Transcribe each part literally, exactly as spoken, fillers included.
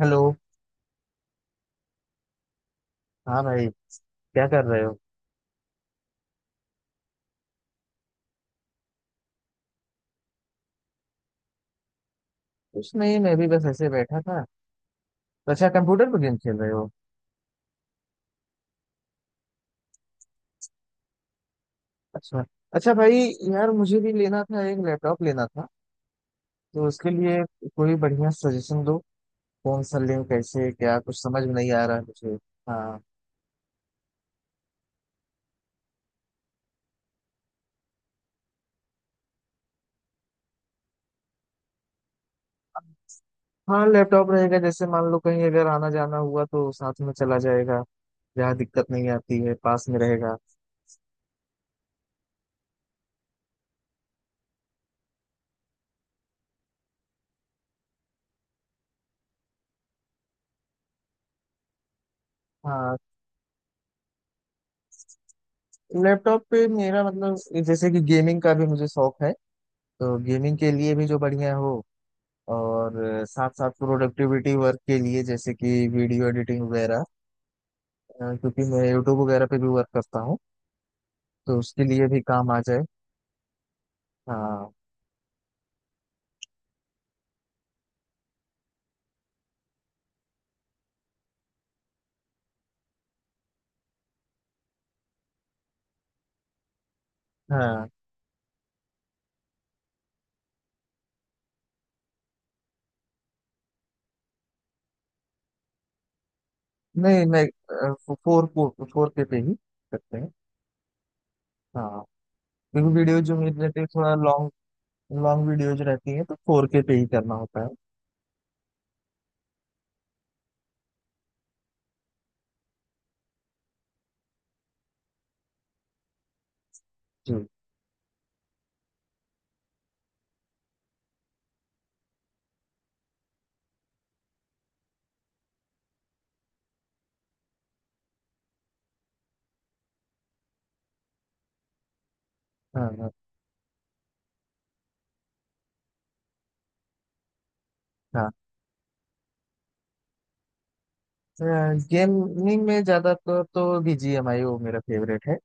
Hello. हाँ भाई, क्या कर रहे हो? कुछ नहीं, मैं भी बस ऐसे बैठा था। तो अच्छा, कंप्यूटर पर गेम खेल रहे हो। अच्छा। अच्छा भाई, यार मुझे भी लेना था, एक लैपटॉप लेना था। तो उसके लिए कोई बढ़िया सजेशन दो। कौन सा लें, कैसे क्या, कुछ समझ में नहीं आ रहा है मुझे। हाँ। हाँ लैपटॉप रहेगा, जैसे मान लो कहीं अगर आना जाना हुआ तो साथ में चला जाएगा। जहाँ दिक्कत नहीं आती है, पास में रहेगा। हाँ। लैपटॉप पे मेरा मतलब, जैसे कि गेमिंग का भी मुझे शौक है, तो गेमिंग के लिए भी जो बढ़िया हो। और साथ साथ प्रोडक्टिविटी वर्क के लिए, जैसे कि वीडियो एडिटिंग वगैरह। अ, क्योंकि मैं यूट्यूब वगैरह पे भी वर्क करता हूँ, तो उसके लिए भी काम आ जाए। हाँ। हाँ, नहीं मैं फोर फोर फोर के पे ही करते हैं। हाँ, क्योंकि वीडियो जो मेरी रहती है थोड़ा लॉन्ग, लॉन्ग वीडियोज रहती है, तो फोर के पे ही करना होता है। जी। हाँ। हाँ। हाँ, गेमिंग में ज्यादातर तो बीजीएमआई, वो मेरा फेवरेट है।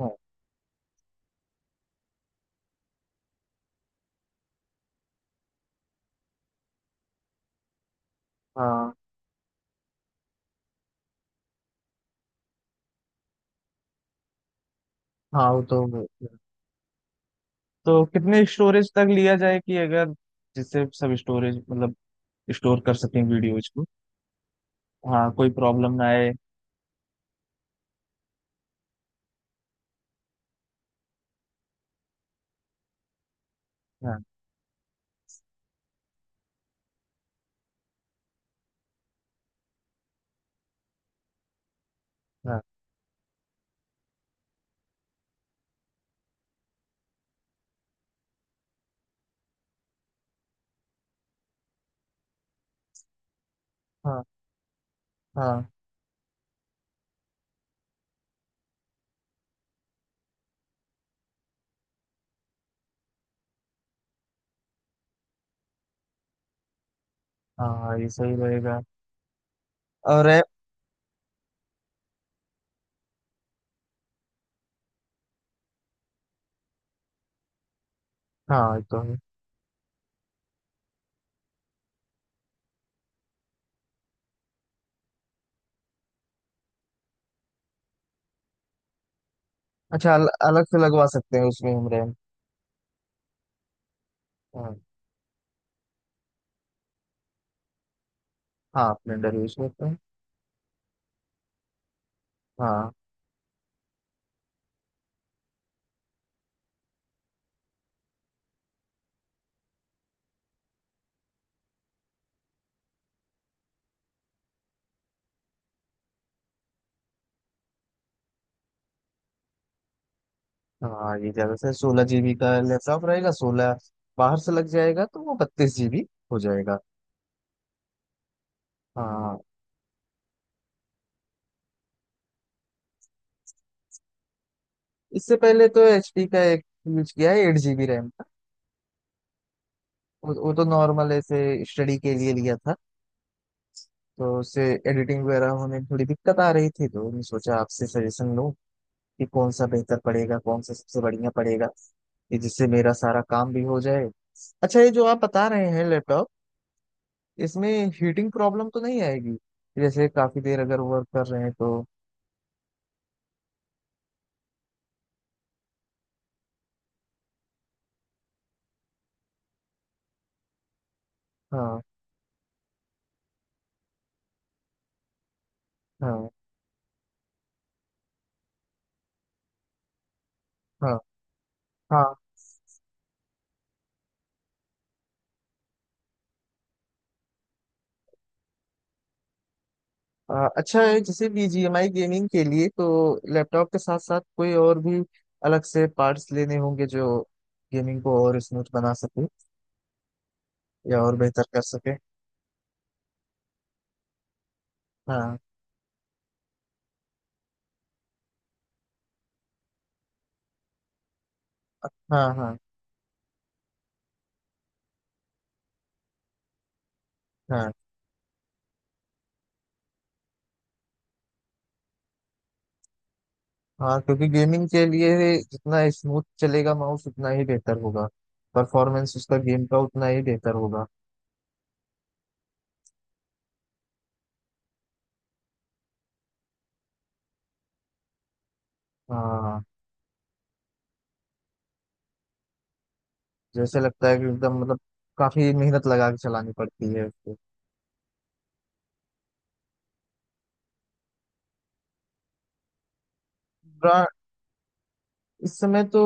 हाँ। हाँ। हाँ, वो तो। तो कितने स्टोरेज तक लिया जाए कि अगर, जिससे सब स्टोरेज मतलब स्टोर कर सकें वीडियोज को। हाँ, कोई प्रॉब्लम ना आए। हाँ। हाँ। हाँ, हाँ, हाँ, हाँ, ये सही रहेगा। और रैम। हाँ, ये तो है। अच्छा, अल, अलग से लगवा सकते हैं उसमें हम रैम? हाँ। हाँ, स्प्लेंडर यूज करते हैं। हाँ। हाँ, ये ज्यादा से सोलह जीबी का लैपटॉप रहेगा, सोलह बाहर से लग जाएगा तो वो बत्तीस जीबी हो जाएगा। हाँ। इससे पहले तो एचपी का एक यूज किया है, एट जीबी रैम। वो, वो तो नॉर्मल ऐसे स्टडी के लिए लिया था, तो उससे एडिटिंग वगैरह होने में थोड़ी दिक्कत आ रही थी, तो मैंने सोचा आपसे सजेशन लूं कि कौन सा बेहतर पड़ेगा, कौन सा सबसे बढ़िया पड़ेगा कि जिससे मेरा सारा काम भी हो जाए। अच्छा, ये जो आप बता रहे हैं लैपटॉप, इसमें हीटिंग प्रॉब्लम तो नहीं आएगी? जैसे काफी देर अगर वर्क कर रहे हैं तो। हाँ। हाँ। हाँ। हाँ आ, अच्छा है, जैसे बीजीएमआई गेमिंग के लिए तो लैपटॉप के साथ साथ कोई और भी अलग से पार्ट्स लेने होंगे जो गेमिंग को और स्मूथ बना सके या और बेहतर कर सके? हाँ हाँ हाँ। हाँ। हाँ, क्योंकि गेमिंग के लिए जितना स्मूथ चलेगा माउस, उतना ही बेहतर होगा, परफॉर्मेंस उसका गेम का उतना ही बेहतर होगा। हाँ, जैसे लगता है कि एकदम मतलब काफी मेहनत लगा के चलानी पड़ती है। उसको, इस समय तो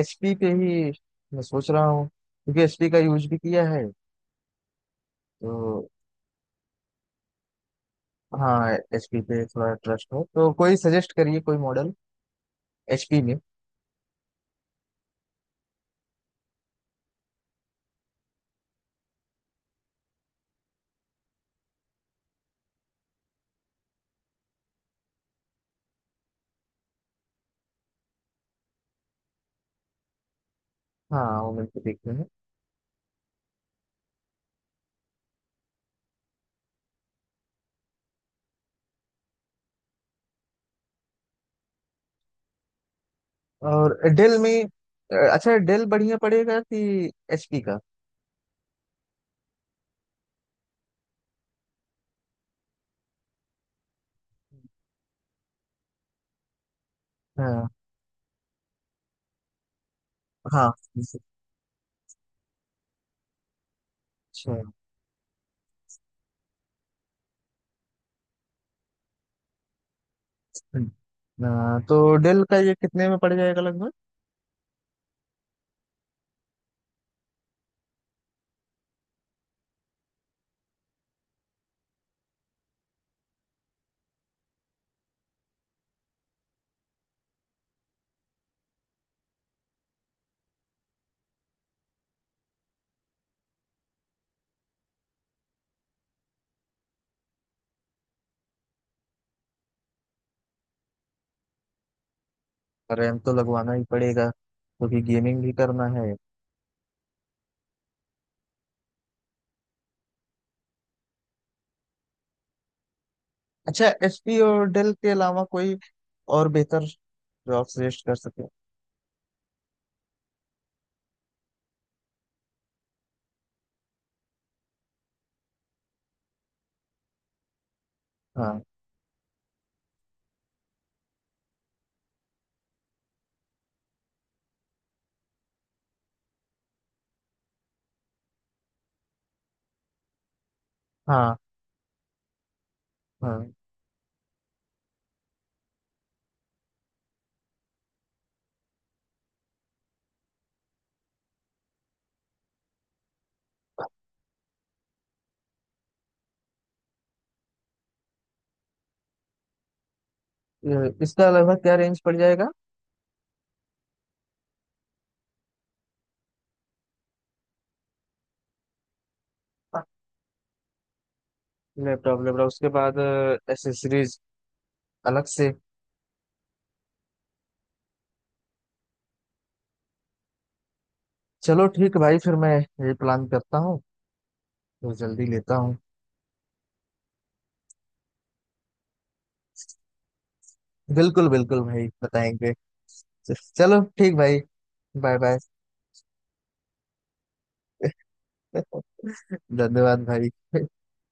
एचपी पे ही मैं सोच रहा हूँ, क्योंकि एचपी का यूज भी किया है, तो। हाँ, एचपी पे थोड़ा ट्रस्ट है, तो कोई सजेस्ट करिए कोई मॉडल एचपी में। हाँ, वो मिलकर देखते हैं। और डेल में अ, अच्छा, डेल बढ़िया पड़ेगा कि एचपी का? हाँ। हाँ अच्छा। हम्म। अ, तो डेल का ये कितने में पड़ जाएगा लगभग? रैम तो लगवाना ही पड़ेगा, क्योंकि गेमिंग भी करना है। अच्छा, एचपी और डेल के अलावा कोई और बेहतर जो आप सजेस्ट कर सके? हाँ हाँ हाँ। ये- इसका लगभग क्या रेंज पड़ जाएगा? लैपटॉप, लैपटॉप उसके बाद एसेसरीज अलग से। चलो ठीक भाई, फिर मैं ये प्लान करता हूँ, तो जल्दी लेता हूँ। बिल्कुल बिल्कुल भाई, बताएंगे। चलो ठीक भाई। Bye bye. धन्यवाद भाई।